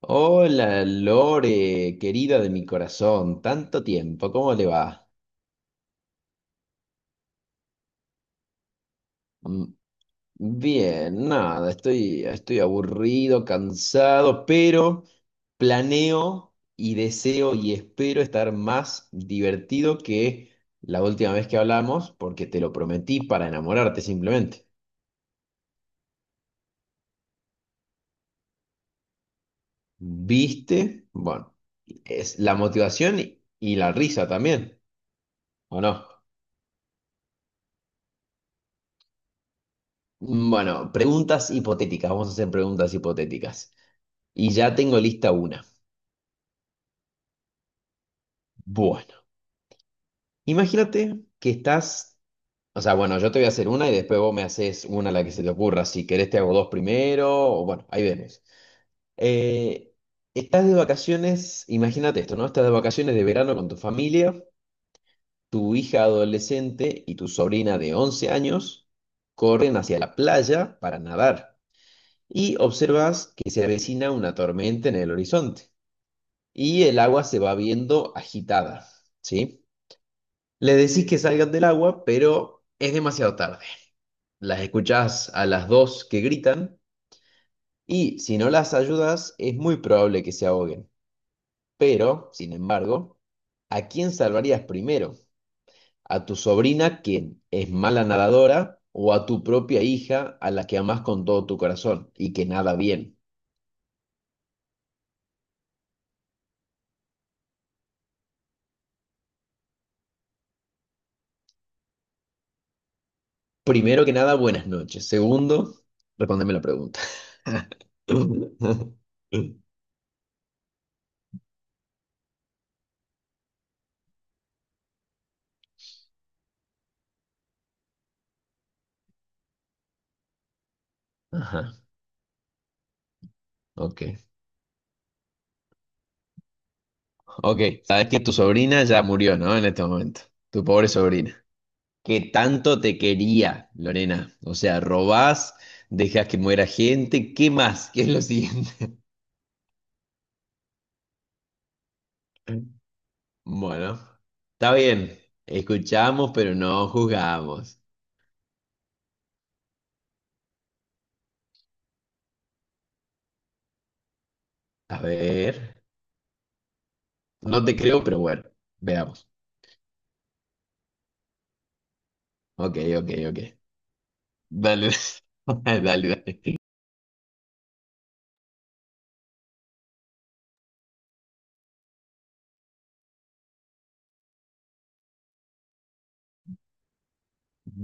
Hola Lore, querida de mi corazón, tanto tiempo, ¿cómo le va? Mm, Bien, nada, estoy aburrido, cansado, pero planeo y deseo y espero estar más divertido que la última vez que hablamos, porque te lo prometí para enamorarte simplemente. ¿Viste? Bueno, es la motivación y la risa también, ¿o no? Bueno, preguntas hipotéticas. Vamos a hacer preguntas hipotéticas. Y ya tengo lista una. Bueno, imagínate que estás, o sea, bueno, yo te voy a hacer una y después vos me haces una a la que se te ocurra. Si querés te hago dos primero, o bueno, ahí vemos. Eh, estás de vacaciones, imagínate esto, ¿no? Estás de vacaciones de verano con tu familia, tu hija adolescente y tu sobrina de 11 años corren hacia la playa para nadar y observas que se avecina una tormenta en el horizonte y el agua se va viendo agitada, ¿sí? Le decís que salgan del agua, pero es demasiado tarde. Las escuchás a las dos que gritan y si no las ayudas es muy probable que se ahoguen. Pero, sin embargo, ¿a quién salvarías primero? ¿A tu sobrina, quien es mala nadadora, o a tu propia hija, a la que amás con todo tu corazón y que nada bien? Primero que nada, buenas noches. Segundo, respóndeme la pregunta. Ajá, ok. Ok, sabes que tu sobrina ya murió, ¿no? En este momento. Tu pobre sobrina. ¿Qué tanto te quería, Lorena? O sea, robás, dejas que muera gente, ¿qué más? ¿Qué es lo siguiente? Bueno, está bien. Escuchamos, pero no juzgamos. A ver. No te creo, pero bueno, veamos. Ok, ok, ok. Dale, dale, dale.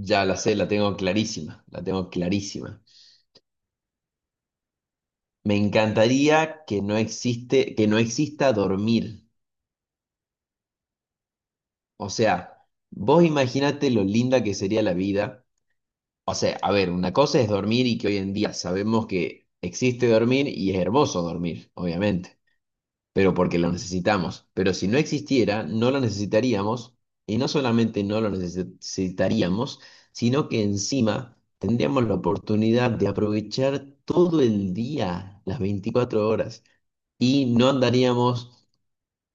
Ya la sé, la tengo clarísima, la tengo clarísima. Me encantaría que no existe, que no exista dormir. O sea, vos imaginate lo linda que sería la vida. O sea, a ver, una cosa es dormir y que hoy en día sabemos que existe dormir y es hermoso dormir, obviamente, pero porque lo necesitamos. Pero si no existiera, no lo necesitaríamos y no solamente no necesitaríamos, sino que encima tendríamos la oportunidad de aprovechar todo el día, las 24 horas, y no andaríamos.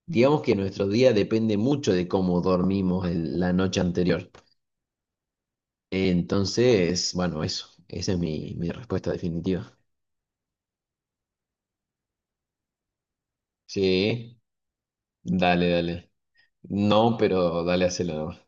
Digamos que nuestro día depende mucho de cómo dormimos la noche anterior. Entonces, bueno, eso. Esa es mi respuesta definitiva. Sí, dale, dale. No, pero dale, hacelo nomás.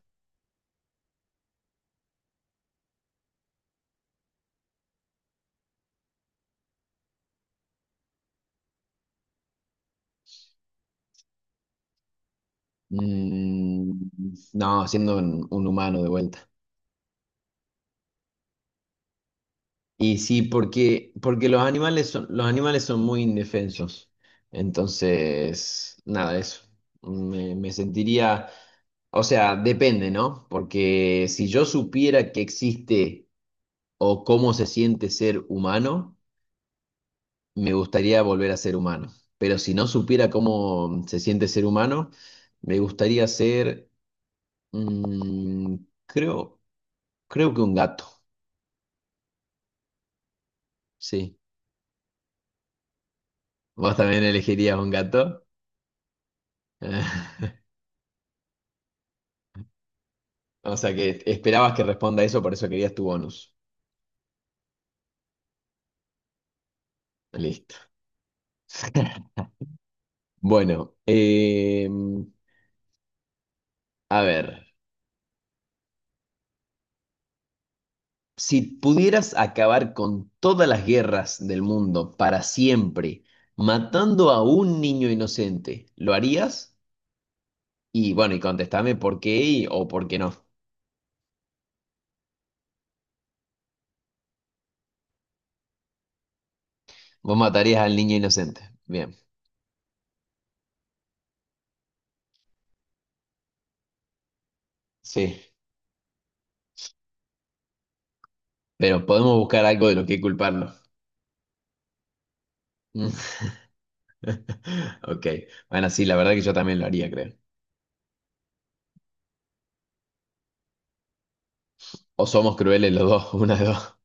Mm, no, siendo un humano de vuelta. Y sí, porque, porque los animales son muy indefensos. Entonces, nada, eso. Me sentiría, o sea, depende, ¿no? Porque si yo supiera que existe o cómo se siente ser humano, me gustaría volver a ser humano. Pero si no supiera cómo se siente ser humano, me gustaría ser, mm, creo, creo que un gato. Sí. ¿Vos también elegirías un gato? O sea que esperabas que responda eso, por eso querías tu bonus. Listo. Bueno, a ver, si pudieras acabar con todas las guerras del mundo para siempre, matando a un niño inocente, ¿lo harías? Y bueno, y contestame por qué o por qué no. Vos matarías al niño inocente. Bien, sí. Pero podemos buscar algo de lo que culparlo. Mm. Ok. Bueno, sí, la verdad que yo también lo haría, creo. O somos crueles los dos, una de dos.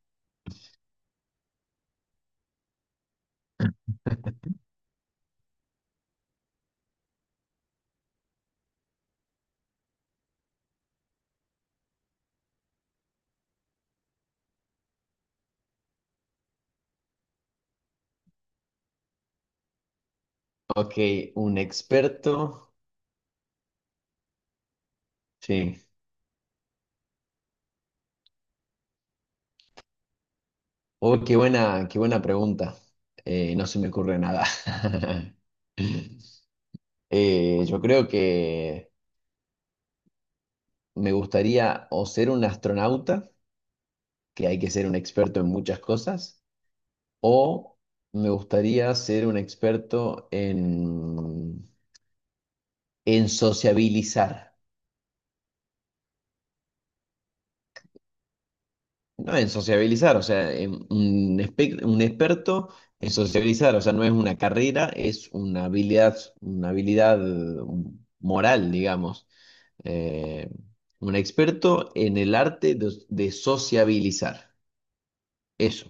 Ok, un experto. Sí. Oh, qué buena pregunta. No se me ocurre nada. Yo creo que me gustaría o ser un astronauta, que hay que ser un experto en muchas cosas, o me gustaría ser un experto en sociabilizar. No en sociabilizar, o sea, un experto en sociabilizar, o sea, no es una carrera, es una habilidad moral, digamos. Eh, un experto en el arte de sociabilizar. Eso.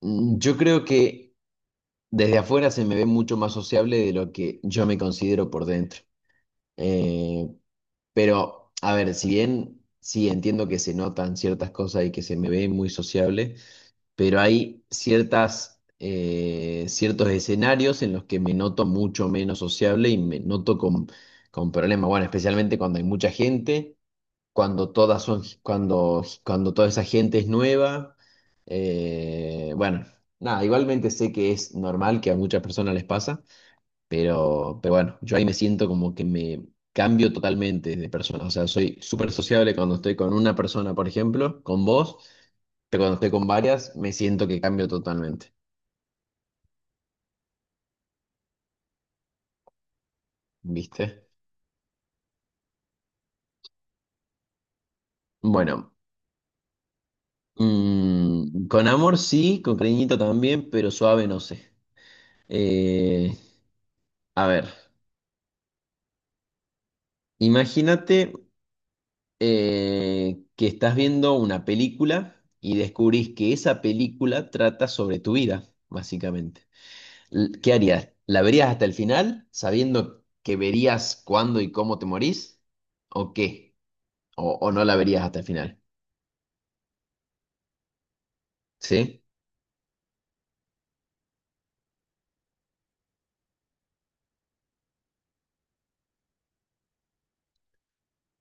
Yo creo que desde afuera se me ve mucho más sociable de lo que yo me considero por dentro. Eh, Pero, a ver, si bien sí entiendo que se notan ciertas cosas y que se me ve muy sociable, pero hay ciertas, ciertos escenarios en los que me noto mucho menos sociable y me noto con problemas. Bueno, especialmente cuando hay mucha gente, cuando todas son, cuando toda esa gente es nueva. Bueno, nada, igualmente sé que es normal que a muchas personas les pasa pero bueno, yo ahí me siento como que me cambio totalmente de persona. O sea, soy súper sociable cuando estoy con una persona, por ejemplo, con vos, pero cuando estoy con varias, me siento que cambio totalmente. ¿Viste? Bueno, con amor sí, con cariñito también, pero suave no sé. Eh, a ver, imagínate que estás viendo una película y descubrís que esa película trata sobre tu vida, básicamente. ¿Qué harías? ¿La verías hasta el final, sabiendo que verías cuándo y cómo te morís? ¿O qué? O no la verías hasta el final? ¿Sí?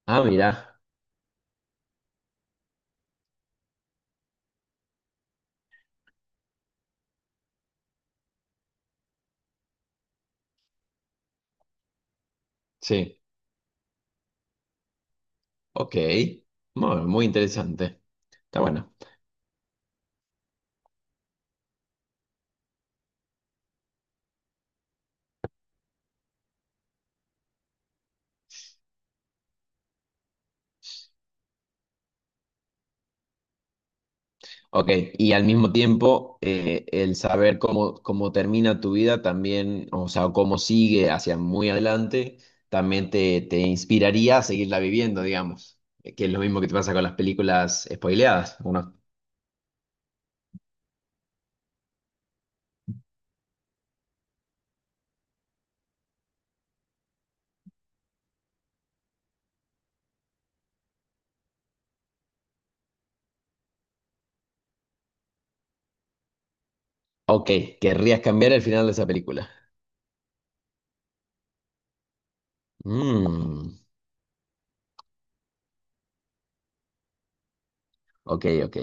Ah, mira. Sí. Ok. Muy, muy interesante. Está bueno. Ok. Y al mismo tiempo, el saber cómo termina tu vida también, o sea, cómo sigue hacia muy adelante, también te inspiraría a seguirla viviendo, digamos. Que es lo mismo que te pasa con las películas spoileadas. Uno ok, querrías cambiar el final de esa película. Mm, ok, ok.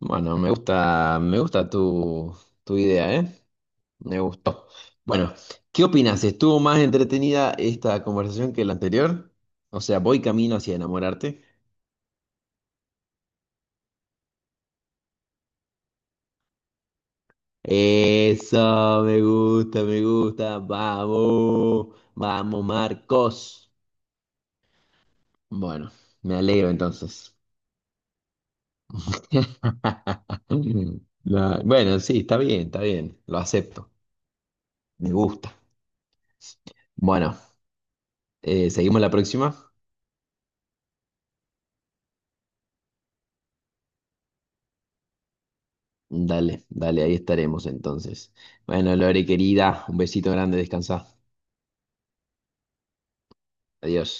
Bueno, me gusta tu idea, ¿eh? Me gustó. Bueno, ¿qué opinas? ¿Estuvo más entretenida esta conversación que la anterior? O sea, voy camino hacia enamorarte. Eso, me gusta, me gusta. Vamos, vamos, Marcos. Bueno, me alegro entonces. No, bueno, sí, está bien, lo acepto. Me gusta. Bueno, seguimos la próxima. Dale, dale, ahí estaremos entonces. Bueno, Lore querida, un besito grande, descansa. Adiós.